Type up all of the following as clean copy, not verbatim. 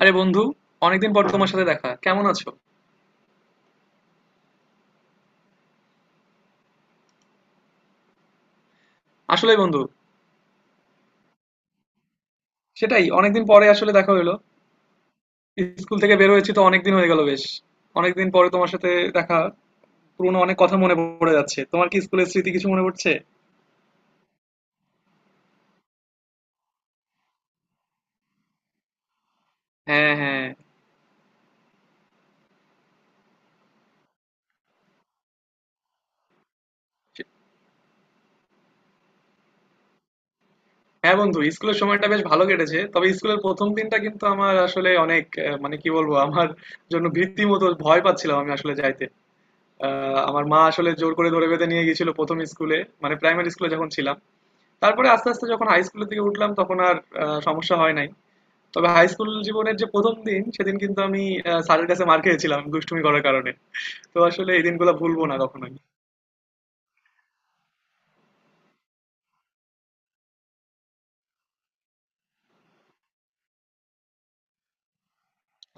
আরে বন্ধু, অনেকদিন পর তোমার সাথে দেখা, কেমন আছো? আসলেই বন্ধু, সেটাই, অনেকদিন পরে আসলে দেখা হলো। স্কুল থেকে বের হয়েছি তো অনেকদিন হয়ে গেল বেশ। অনেকদিন পরে তোমার সাথে দেখা, পুরনো অনেক কথা মনে পড়ে যাচ্ছে। তোমার কি স্কুলের স্মৃতি কিছু মনে পড়ছে? হ্যাঁ, হ্যাঁ, হ্যাঁ বন্ধু, স্কুলের সময়টা বেশ ভালো কেটেছে। তবে স্কুলের প্রথম দিনটা কিন্তু আমার আসলে অনেক মানে কি বলবো, আমার জন্য ভীতি মতো, ভয় পাচ্ছিলাম আমি আসলে যাইতে। আমার মা আসলে জোর করে ধরে বেঁধে নিয়ে গেছিল প্রথম স্কুলে, মানে প্রাইমারি স্কুলে যখন ছিলাম। তারপরে আস্তে আস্তে যখন হাই স্কুলের দিকে উঠলাম, তখন আর সমস্যা হয় নাই। তবে হাই স্কুল জীবনের যে প্রথম দিন, সেদিন কিন্তু আমি স্যারের কাছে মার খেয়েছিলাম দুষ্টুমি করার কারণে। তো আসলে এই দিনগুলো ভুলবো না কখনোই।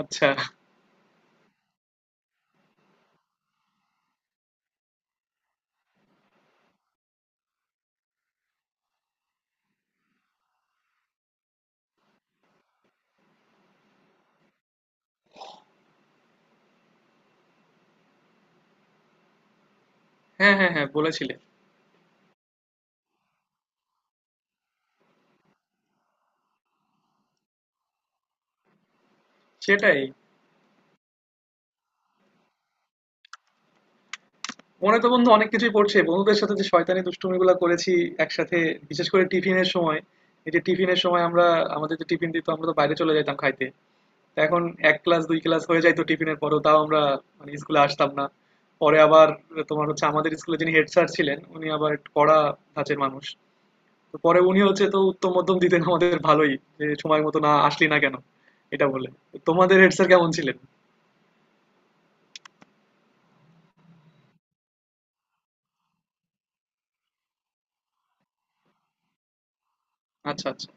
আচ্ছা। হ্যাঁ, হ্যাঁ, হ্যাঁ, বলেছিলে। সেটাই, মনে তো বন্ধু অনেক কিছুই পড়ছে, বন্ধুদের সাথে যে শয়তানি দুষ্টুমিগুলো করেছি একসাথে, বিশেষ করে টিফিনের সময়। এই যে টিফিনের সময় আমরা, আমাদের যে টিফিন দিত আমরা তো বাইরে চলে যেতাম খাইতে। এখন ১ ক্লাস ২ ক্লাস হয়ে যাইতো টিফিনের পরেও, তাও আমরা মানে স্কুলে আসতাম না। পরে আবার তোমার হচ্ছে, আমাদের স্কুলে যিনি হেড স্যার ছিলেন উনি আবার একটু কড়া ধাঁচের মানুষ। তো পরে উনি হচ্ছে তো উত্তম মধ্যম দিতেন আমাদের ভালোই, যে সময় মতো না আসলি না কেন, এটা বলে। তো তোমাদের হেড স্যার কেমন ছিলেন? আচ্ছা, আচ্ছা।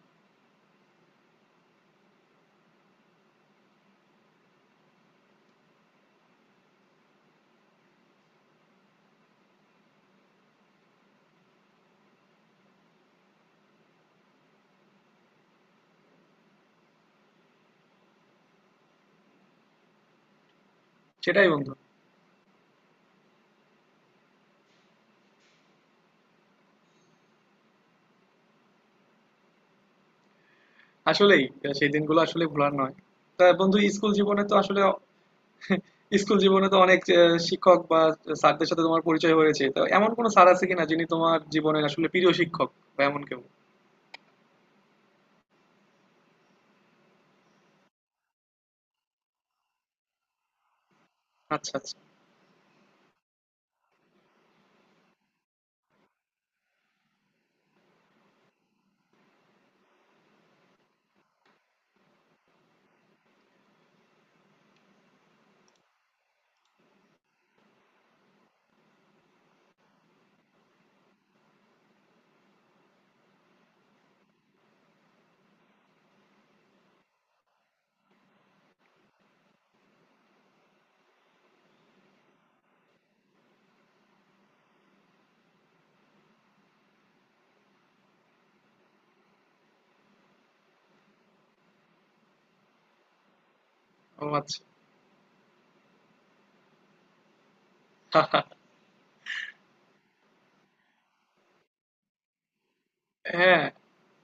সেটাই বন্ধু। আসলেই সেই দিনগুলো আসলে ভোলার নয়। তা বন্ধু, স্কুল জীবনে তো আসলে স্কুল জীবনে তো অনেক শিক্ষক বা স্যারদের সাথে তোমার পরিচয় হয়েছে। তো এমন কোনো স্যার আছে কিনা যিনি তোমার জীবনের আসলে প্রিয় শিক্ষক বা এমন কেউ? আচ্ছা, আচ্ছা। ও আচ্ছা। হ্যাঁ,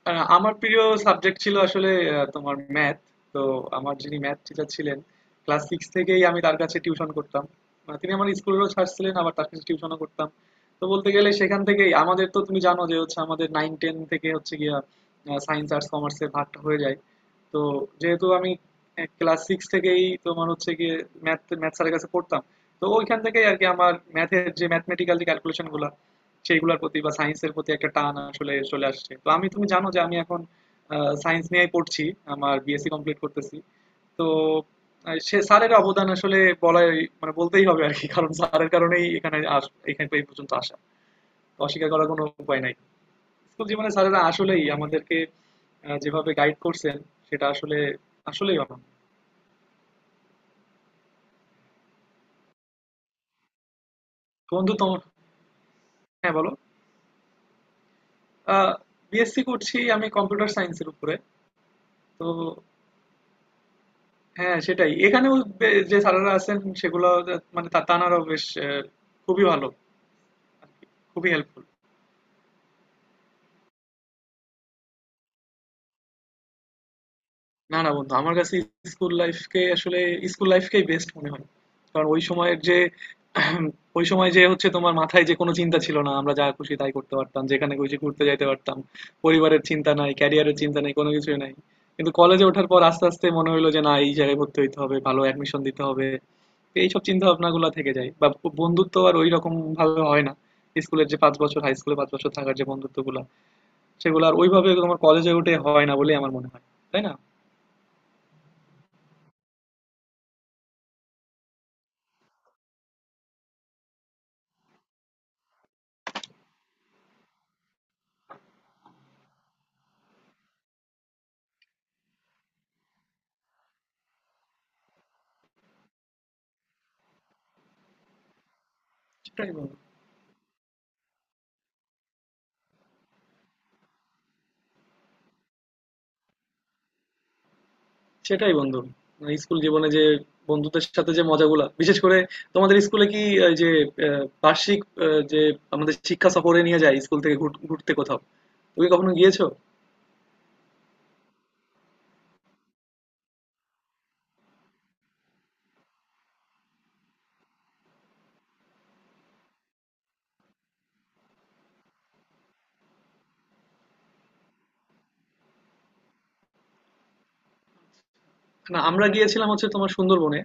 আ আমার প্রিয় সাবজেক্ট ছিল আসলে আ তোমার ম্যাথ। তো আমার যিনি ম্যাথ টিচার ছিলেন, ক্লাস ৬ থেকেই আমি তার কাছে টিউশন করতাম। আ তিনি আমার স্কুলেরও স্যার ছিলেন, আবার তার কাছে টিউশনও করতাম। তো বলতে গেলে সেখান থেকেই আমাদের, তো তুমি জানো যে হচ্ছে আমাদের ৯-১০ থেকে হচ্ছে গিয়া আ সায়েন্স আর্টস কমার্সের ভাগটা হয়ে যায়। তো যেহেতু আমি ক্লাস সিক্স থেকেই তোমার হচ্ছে গিয়ে ম্যাথ ম্যাথ স্যারের কাছে পড়তাম, তো ওইখান থেকেই আর কি আমার ম্যাথের যে ম্যাথমেটিক্যাল যে ক্যালকুলেশন গুলা, সেইগুলোর প্রতি বা সায়েন্সের প্রতি একটা টান আসলে চলে আসছে। তো আমি, তুমি জানো যে আমি এখন সায়েন্স নিয়েই পড়ছি, আমার বিএসসি কমপ্লিট করতেছি। তো সে স্যারের অবদান আসলে বলাই, মানে বলতেই হবে আর কি। কারণ স্যারের কারণেই এখানে এখানে এই পর্যন্ত আসা, তো অস্বীকার করার কোনো উপায় নাই। স্কুল জীবনে স্যারেরা আসলেই আমাদেরকে যেভাবে গাইড করছেন, সেটা আসলে আসলেই অনন্য। বন্ধু তোমার, হ্যাঁ বলো। বিএসসি করছি আমি কম্পিউটার সায়েন্সের উপরে। তো হ্যাঁ, সেটাই। এখানেও যে স্যারেরা আছেন সেগুলো, মানে তানারাও বেশ খুবই ভালো আর কি, খুবই হেল্পফুল। না, না বন্ধু, আমার কাছে স্কুল লাইফকে আসলে, স্কুল লাইফকেই বেস্ট মনে হয়। কারণ ওই সময়ের যে ওই সময় যে হচ্ছে তোমার মাথায় যে কোনো চিন্তা ছিল না, আমরা যা খুশি তাই করতে পারতাম, যেখানে খুশি ঘুরতে যাইতে পারতাম। পরিবারের চিন্তা নাই, ক্যারিয়ারের চিন্তা নাই, কোনো কিছুই নাই। কিন্তু কলেজে ওঠার পর আস্তে আস্তে মনে হলো যে না, এই জায়গায় ভর্তি হইতে হবে, ভালো অ্যাডমিশন দিতে হবে, এইসব চিন্তা ভাবনা গুলা থেকে যায়। বা বন্ধুত্ব আর ওই রকম ভাবে হয় না, স্কুলের যে ৫ বছর, হাই স্কুলে ৫ বছর থাকার যে বন্ধুত্ব গুলা, সেগুলো আর ওইভাবে তোমার কলেজে উঠে হয় না বলেই আমার মনে হয়, তাই না? সেটাই বন্ধু সেটাই বন্ধু, মানে স্কুল জীবনে যে বন্ধুদের সাথে যে মজাগুলা, বিশেষ করে তোমাদের স্কুলে কি এই যে বার্ষিক যে আমাদের শিক্ষা সফরে নিয়ে যায় স্কুল থেকে ঘুরতে কোথাও, তুমি কখনো গিয়েছো? না, আমরা গিয়েছিলাম হচ্ছে তোমার সুন্দরবনে।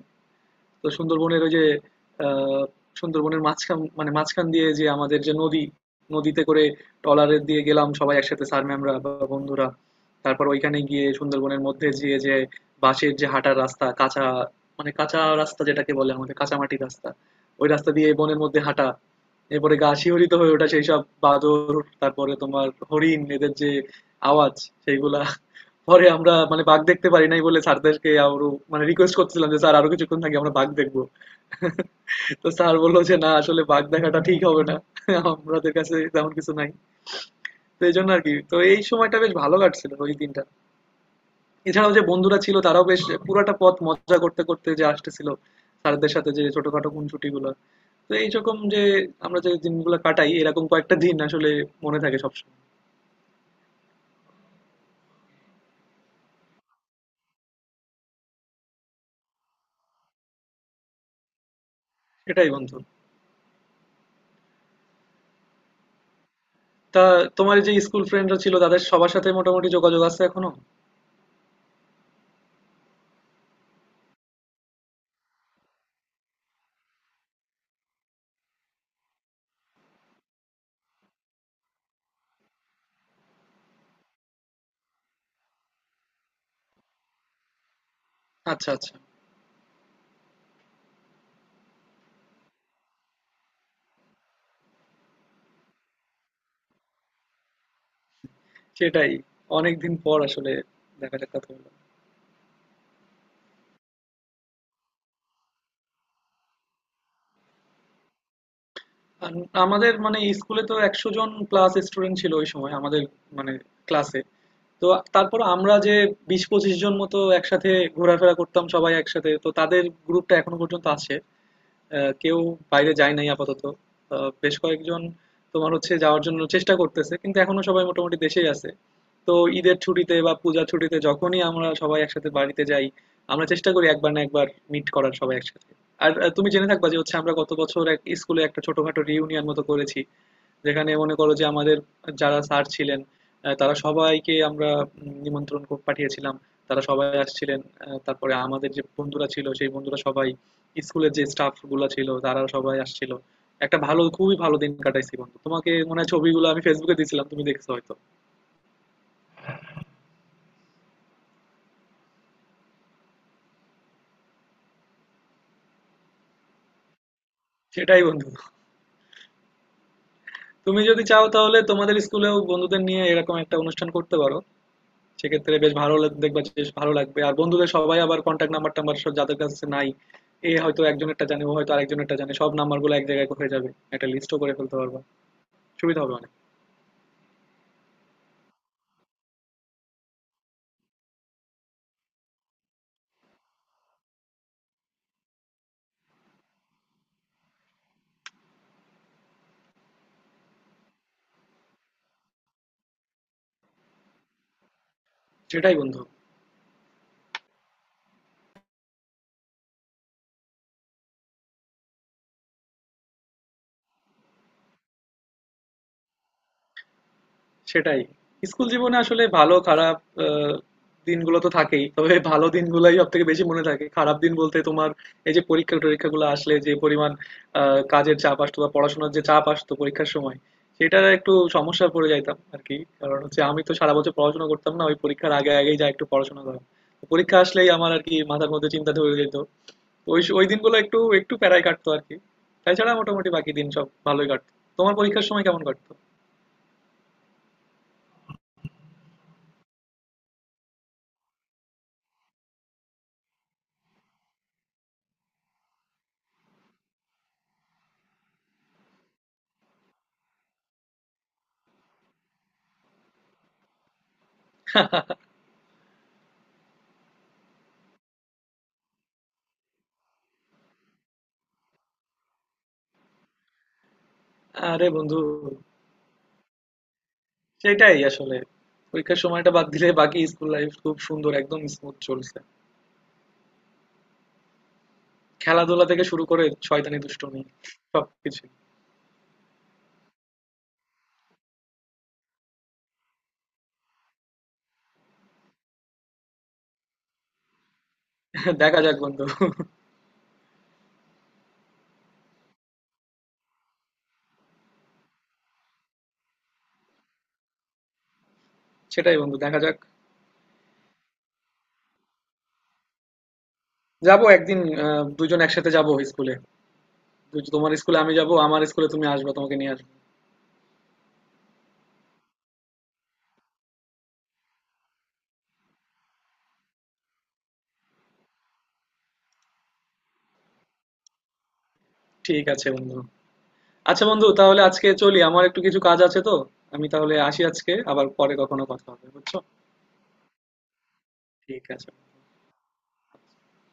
তো সুন্দরবনের ওই যে আহ, সুন্দরবনের মাঝখান, মানে মাঝখান দিয়ে যে আমাদের যে নদী, নদীতে করে ট্রলারে দিয়ে গেলাম সবাই একসাথে, স্যার ম্যামরা বা বন্ধুরা। তারপর ওইখানে গিয়ে সুন্দরবনের মধ্যে গিয়ে যে বাঁশের যে হাঁটার রাস্তা, কাঁচা, মানে কাঁচা রাস্তা যেটাকে বলে আমাদের কাঁচা মাটির রাস্তা, ওই রাস্তা দিয়ে বনের মধ্যে হাঁটা, এরপরে গা শিহরিত হয়ে ওঠা সেই সব বাদর, তারপরে তোমার হরিণ, এদের যে আওয়াজ, সেইগুলা। পরে আমরা মানে বাঘ দেখতে পারি নাই বলে স্যারদেরকে আরো মানে রিকোয়েস্ট করতেছিলাম যে স্যার আরো কিছুক্ষণ থাকি, আমরা বাঘ দেখবো। তো স্যার বললো যে না, আসলে বাঘ দেখাটা ঠিক হবে না, আমাদের কাছে তেমন কিছু নাই। তো এই জন্য আর কি, তো এই সময়টা বেশ ভালো কাটছিল ওই দিনটা। এছাড়াও যে বন্ধুরা ছিল তারাও বেশ পুরাটা পথ মজা করতে করতে যে আসতেছিল, স্যারদের সাথে যে ছোটখাটো খুনসুটি গুলো, তো এইরকম যে আমরা যে দিনগুলো কাটাই, এরকম কয়েকটা দিন আসলে মনে থাকে সবসময়। সেটাই বন্ধু। তা তোমার যে স্কুল ফ্রেন্ডরা ছিল তাদের সবার সাথে মোটামুটি যোগাযোগ আছে এখনো? আচ্ছা, আচ্ছা। সেটাই। অনেকদিন পর আসলে দেখা সাক্ষাৎ হলো। আন, আমাদের মানে স্কুলে তো ১০০ জন ক্লাস স্টুডেন্ট ছিল ওই সময় আমাদের, মানে ক্লাসে। তো তারপর আমরা যে ২০-২৫ জন মতো একসাথে ঘোরাফেরা করতাম সবাই একসাথে। তো তাদের গ্রুপটা এখনো পর্যন্ত আছে। কেউ বাইরে যায় নাই আপাতত। বেশ কয়েকজন তোমার হচ্ছে যাওয়ার জন্য চেষ্টা করতেছে, কিন্তু এখনো সবাই মোটামুটি দেশেই আছে। তো ঈদের ছুটিতে বা পূজা ছুটিতে যখনই আমরা সবাই একসাথে বাড়িতে যাই, আমরা চেষ্টা করি একবার না একবার মিট করার সবাই একসাথে। আর তুমি জেনে থাকবা যে হচ্ছে আমরা গত বছর এক স্কুলে একটা ছোটখাটো রিউনিয়ন মতো করেছি, যেখানে মনে করো যে আমাদের যারা স্যার ছিলেন তারা সবাইকে আমরা নিমন্ত্রণ পাঠিয়েছিলাম, তারা সবাই আসছিলেন। তারপরে আমাদের যে বন্ধুরা ছিল সেই বন্ধুরা সবাই, স্কুলের যে স্টাফ গুলা ছিল তারা সবাই আসছিল। একটা ভালো, খুবই ভালো দিন কাটাইছি বন্ধু। তোমাকে মনে হয় ছবিগুলো আমি ফেসবুকে দিয়েছিলাম, তুমি দেখছো হয়তো। সেটাই বন্ধু। তুমি যদি চাও তাহলে তোমাদের স্কুলেও বন্ধুদের নিয়ে এরকম একটা অনুষ্ঠান করতে পারো। সেক্ষেত্রে বেশ ভালো লাগ, দেখবা যে বেশ ভালো লাগবে। আর বন্ধুদের সবাই আবার কনট্যাক্ট নাম্বার-টাম্বার সব যাদের কাছে নাই, এ হয়তো একজনেরটা জানে, ও হয়তো আরেকজনেরটা জানে। সব নাম্বারগুলো এক জায়গায় হয়ে যাবে। একটা লিস্টও করে ফেলতে পারবা। সুবিধা হবে অনেক। সেটাই বন্ধু। সেটাই। স্কুল জীবনে আসলে ভালো খারাপ আ দিনগুলো তো থাকেই। তবে ভালো দিনগুলাই সবথেকে বেশি মনে থাকে। খারাপ দিন বলতে তোমার এই যে পরীক্ষা-টরীক্ষাগুলো আসলে যে পরিমাণ আ কাজের চাপ আসতো বা পড়াশোনার যে চাপ আসতো পরীক্ষার সময়, সেটার একটু সমস্যায় পড়ে যাইতাম আরকি। কারণ হচ্ছে আমি তো সারা বছর পড়াশোনা করতাম না। ওই পরীক্ষার আগে, আগেই যায়া একটু পড়াশোনা করা। পরীক্ষা আসলেই আমার আরকি মাথার মধ্যে চিন্তা ধরে যেত। তো ওই দিনগুলো একটু প্যারায় কাটতো আরকি। তাছাড়া মোটামুটি বাকি দিন সব ভালোই কাটতো। তোমার পরীক্ষার সময় কেমন কাটতো? আরে বন্ধু, সেটাই আসলে। পরীক্ষার সময়টা বাদ দিলে বাকি স্কুল লাইফ খুব সুন্দর, একদম স্মুথ চলছে। খেলাধুলা থেকে শুরু করে শয়তানি দুষ্টুমি সবকিছু। দেখা যাক বন্ধু। সেটাই বন্ধু, দেখা যাক। যাবো একদিন, আহ দুজন একসাথে যাবো স্কুলে। তোমার স্কুলে আমি যাবো, আমার স্কুলে তুমি আসবা, তোমাকে নিয়ে আসবো। ঠিক আছে বন্ধু। আচ্ছা বন্ধু, তাহলে আজকে চলি। আমার একটু কিছু কাজ আছে তো। আমি তাহলে আসি আজকে। আবার পরে কখনো কথা হবে। বুঝছো? ঠিক আছে।